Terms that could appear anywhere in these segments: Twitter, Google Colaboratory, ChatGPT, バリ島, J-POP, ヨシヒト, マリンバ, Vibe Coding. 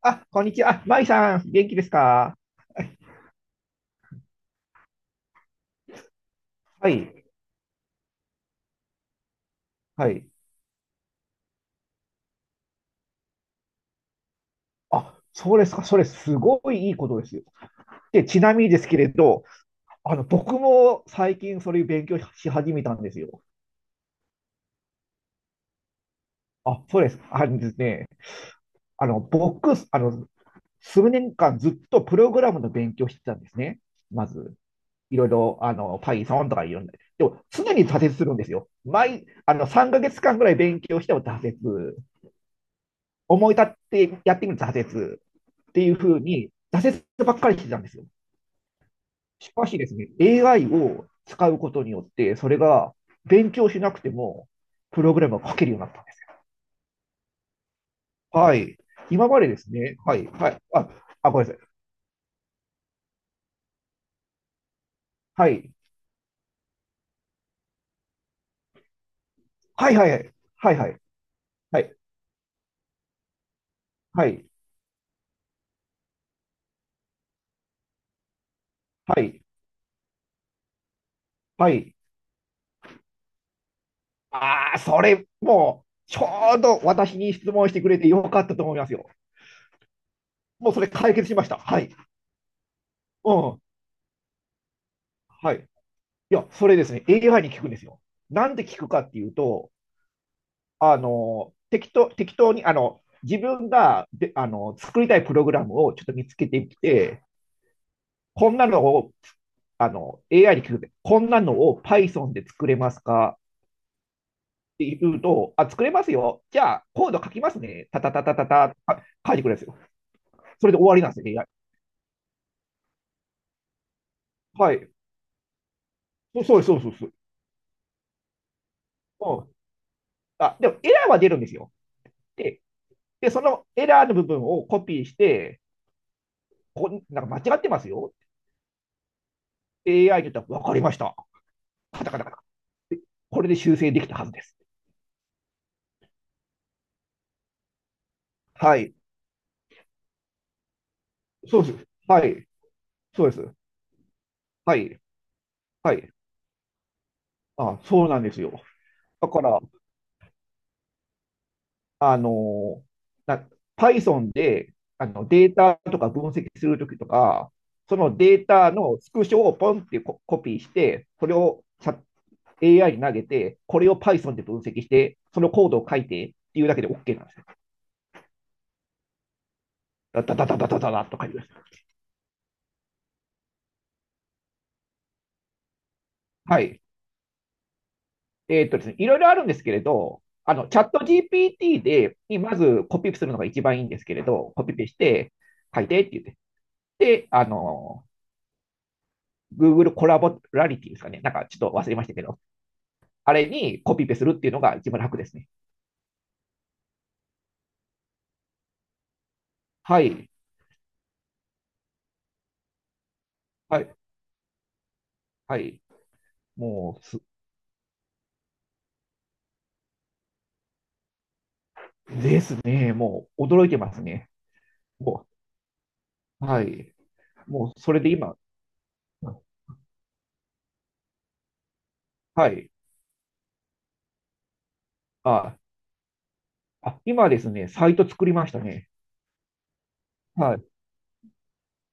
あ、こんにちは。あ、まいさん、元気ですか？はい、はい。あ、そうですか。それ、すごいいいことですよ。で、ちなみにですけれど、僕も最近それ勉強し始めたんですよ。あ、そうです。あのですね、僕、数年間ずっとプログラムの勉強してたんですね。まず、いろいろ、Python とかいろんな。でも、常に挫折するんですよ。毎、あの、3ヶ月間ぐらい勉強しても挫折。思い立ってやってみる挫折。っていうふうに挫折ばっかりしてたんですよ。しかしですね、AI を使うことによって、それが勉強しなくても、プログラムが書けるようになったんです。はい。今までですね、はい、はい、あ、あ、ごめんなさい。はい、はい、はい、はい、はい、はい、はい、はい、はい、はい。ああ、それ、もう、ちょうど私に質問してくれてよかったと思いますよ。もうそれ解決しました。はい。うん。はい。いや、それですね、AI に聞くんですよ。なんで聞くかっていうと、適当に、あの、自分が、で、あの、作りたいプログラムをちょっと見つけてきて、こんなのを、AI に聞くで、こんなのを Python で作れますかって言うと、あ、作れますよ。じゃあ、コード書きますね。たたたたたた、あ書いてくれるんですよ。それで終わりなんですよ、AI。はい。そうです、そうです、そうです。うん、あ、でもエラーは出るんですよ。で、で、そのエラーの部分をコピーして、ここなんか間違ってますよ。AI に言ったら、わかりました。カタカタカ、これで修正できたはずです。はい。そうです。はい。そうです。はい。はい。あ、そうなんですよ。だから、あのな、Python でデータとか分析するときとか、そのデータのスクショをポンってココピーして、それを AI に投げて、これを Python で分析して、そのコードを書いてっていうだけで OK なんですよ。ダダダダダダダッと書いてください。はい。ですね、いろいろあるんですけれど、チャット GPT で、にまずコピーするのが一番いいんですけれど、コピペして、書いてって言って、で、Google コラボラリティですかね。なんかちょっと忘れましたけど、あれにコピペするっていうのが一番楽ですね。はい。はい。はい。もうす、ですね。もう、驚いてますね。もう、はい。もう、それで今、はい。あ、あ、今ですね、サイト作りましたね。はい。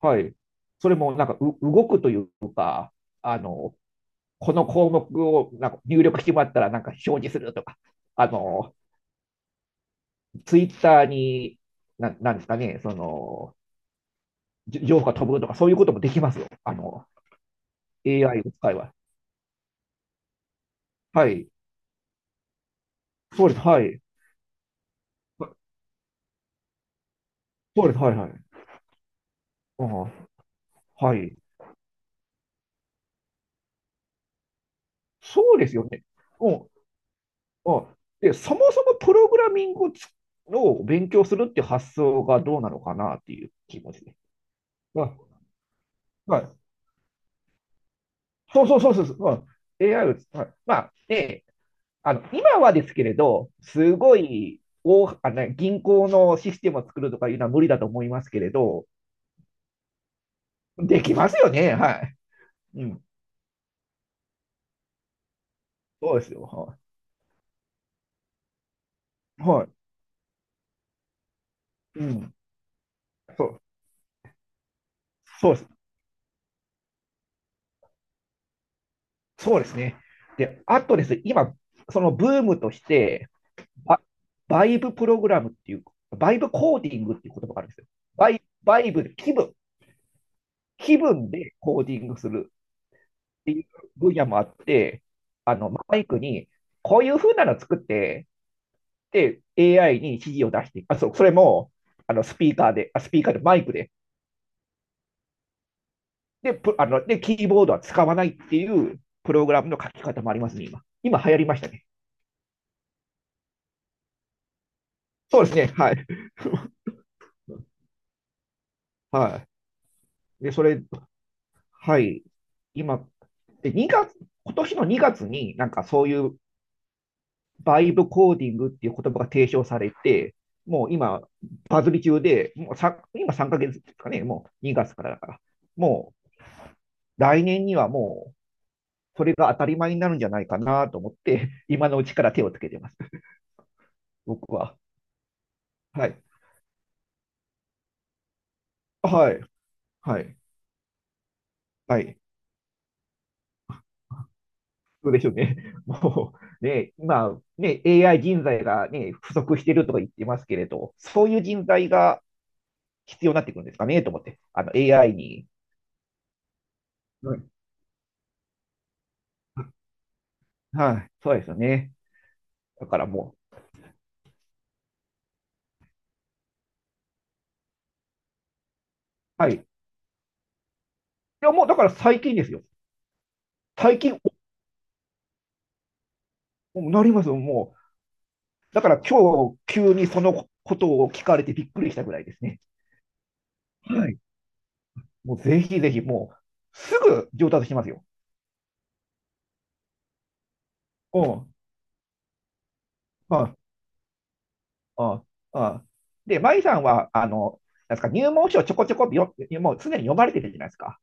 はい。それもなんか動くというか、あの、この項目をなんか入力してもらったらなんか表示するとか、あの、ツイッターに、なんですかね、その、情報が飛ぶとか、そういうこともできますよ。AI を使えば。はい。そうです。はい。そうです。はい。はい。うん、はい。そうですよね。うん。うん。で、そもそもプログラミングを勉強するっていう発想がどうなのかなっていう気持ちで。あ、はい。そうそうそうそうそう、うん、AI をはい、まあ、で、今はですけれど、すごい大、あの、銀行のシステムを作るとかいうのは無理だと思いますけれど、できますよね、はい。うん、そうですよ。はい。はい、うん、そう、そうです。そうですね。で、あとですね、今、そのブームとして、バ、バイブプログラムっていう、バイブコーディングっていう言葉があるんですよ。バイ、バイブ、気分でコーディングする。っていう分野もあって、マイクに、こういう風なの作って、で、AI に指示を出して、あ、そう、それも、スピーカーで、マイクで、で、プあの、で、キーボードは使わないっていうプログラムの書き方もありますね、今。今流行りましたね。そうですね、はい。はい。で、それ、はい。今、で、2月、今年の2月になんかそういうバイブコーディングっていう言葉が提唱されて、もう今、バズり中で、もうさ今3ヶ月ですかね、もう2月からだから、もう来年にはもうそれが当たり前になるんじゃないかなと思って、今のうちから手をつけてます、僕は。はい。はい。はい。はい。そうでしょうね。もうね、今、ね、AI 人材がね、不足してるとか言ってますけれど、そういう人材が必要になってくるんですかねと思って、AI に。うん、はい。そうですよね。だからもう。はい。いや、もうだから最近ですよ。最近、なりますよ、もう。だから今日、急にそのことを聞かれてびっくりしたぐらいですね。はい。もうぜひぜひ、もう、すぐ上達しますよ。うん。ああ、ああで、舞さんは、なんですか、入門書をちょこちょこもう常に読まれてるじゃないですか。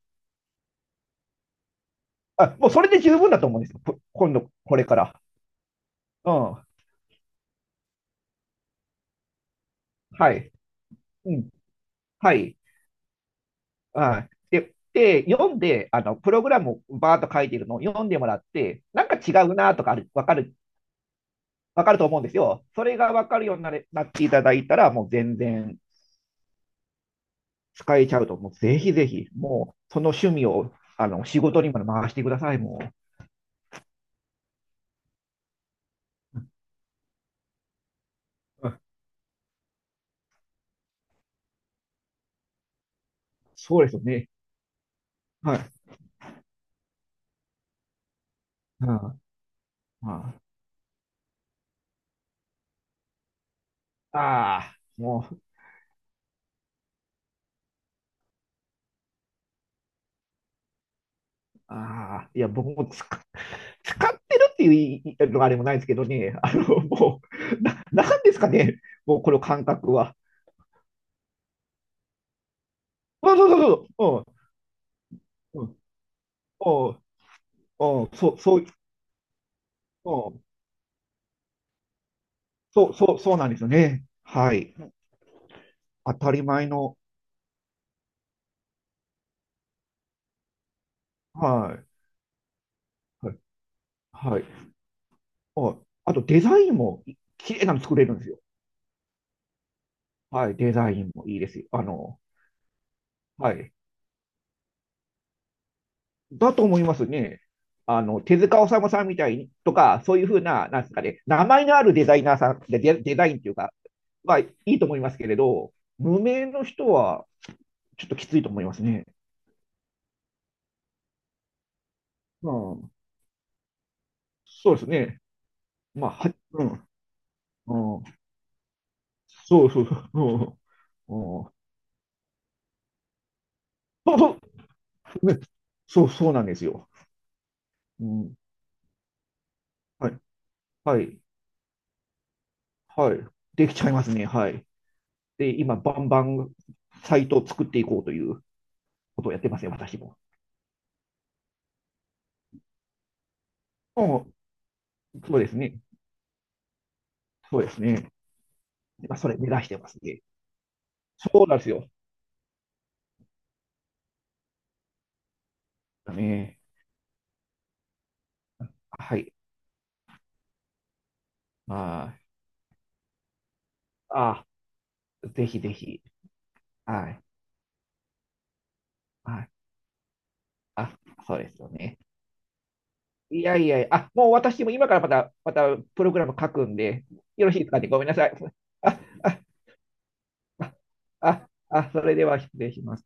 あ、もうそれで十分だと思うんですよ。今度、これから。うん。はい。うん。はい。はい。で、読んで、プログラムをバーッと書いてるのを読んでもらって、なんか違うなとかわかる、わかると思うんですよ。それがわかるようになっていただいたら、もう全然使えちゃうと、もうぜひぜひ、もうその趣味を、仕事にも回してください、もう。うん、そうですよね。はい。うん、ああー、もう、ああ、いや、僕も使っ、使ってるっていういいのがあれもないですけどね、もう、なんですかね、もうこの感覚は。そうそうそうそう。うん、うん、うん、うん、そう、そう、うん、そう、そう、そうなんですよね。はい。当たり前の、はい、はい、はい。うん、あと、デザインも綺麗なの作れるんですよ。はい、デザインもいいですよ。はい。だと思いますね。手塚治虫さんみたいに、とか、そういうふうな、なんですかね、名前のあるデザイナーさん、デザインっていうか、まあ、いいと思いますけれど、無名の人は、ちょっときついと思いますね。うん、そうですね。まあ、うん、うん、そうそうそう、うん、うん、そうそうねそうそうなんですよ。うん、はい、はい、はい。できちゃいますね、はい。で、今、バンバンサイトを作っていこうということをやってますね、私も。うん、そうですね、そうですね。まあ、それ目指してますね。そうなんですよ。だね。はい。まあ、あ、ぜひぜひ。はい。はい。あ、そうですよね。いやいやいや、あ、もう私も今からまたプログラム書くんで、よろしいですかね。ごめんなさい。あ、あ、あ、あ、あ、それでは失礼します。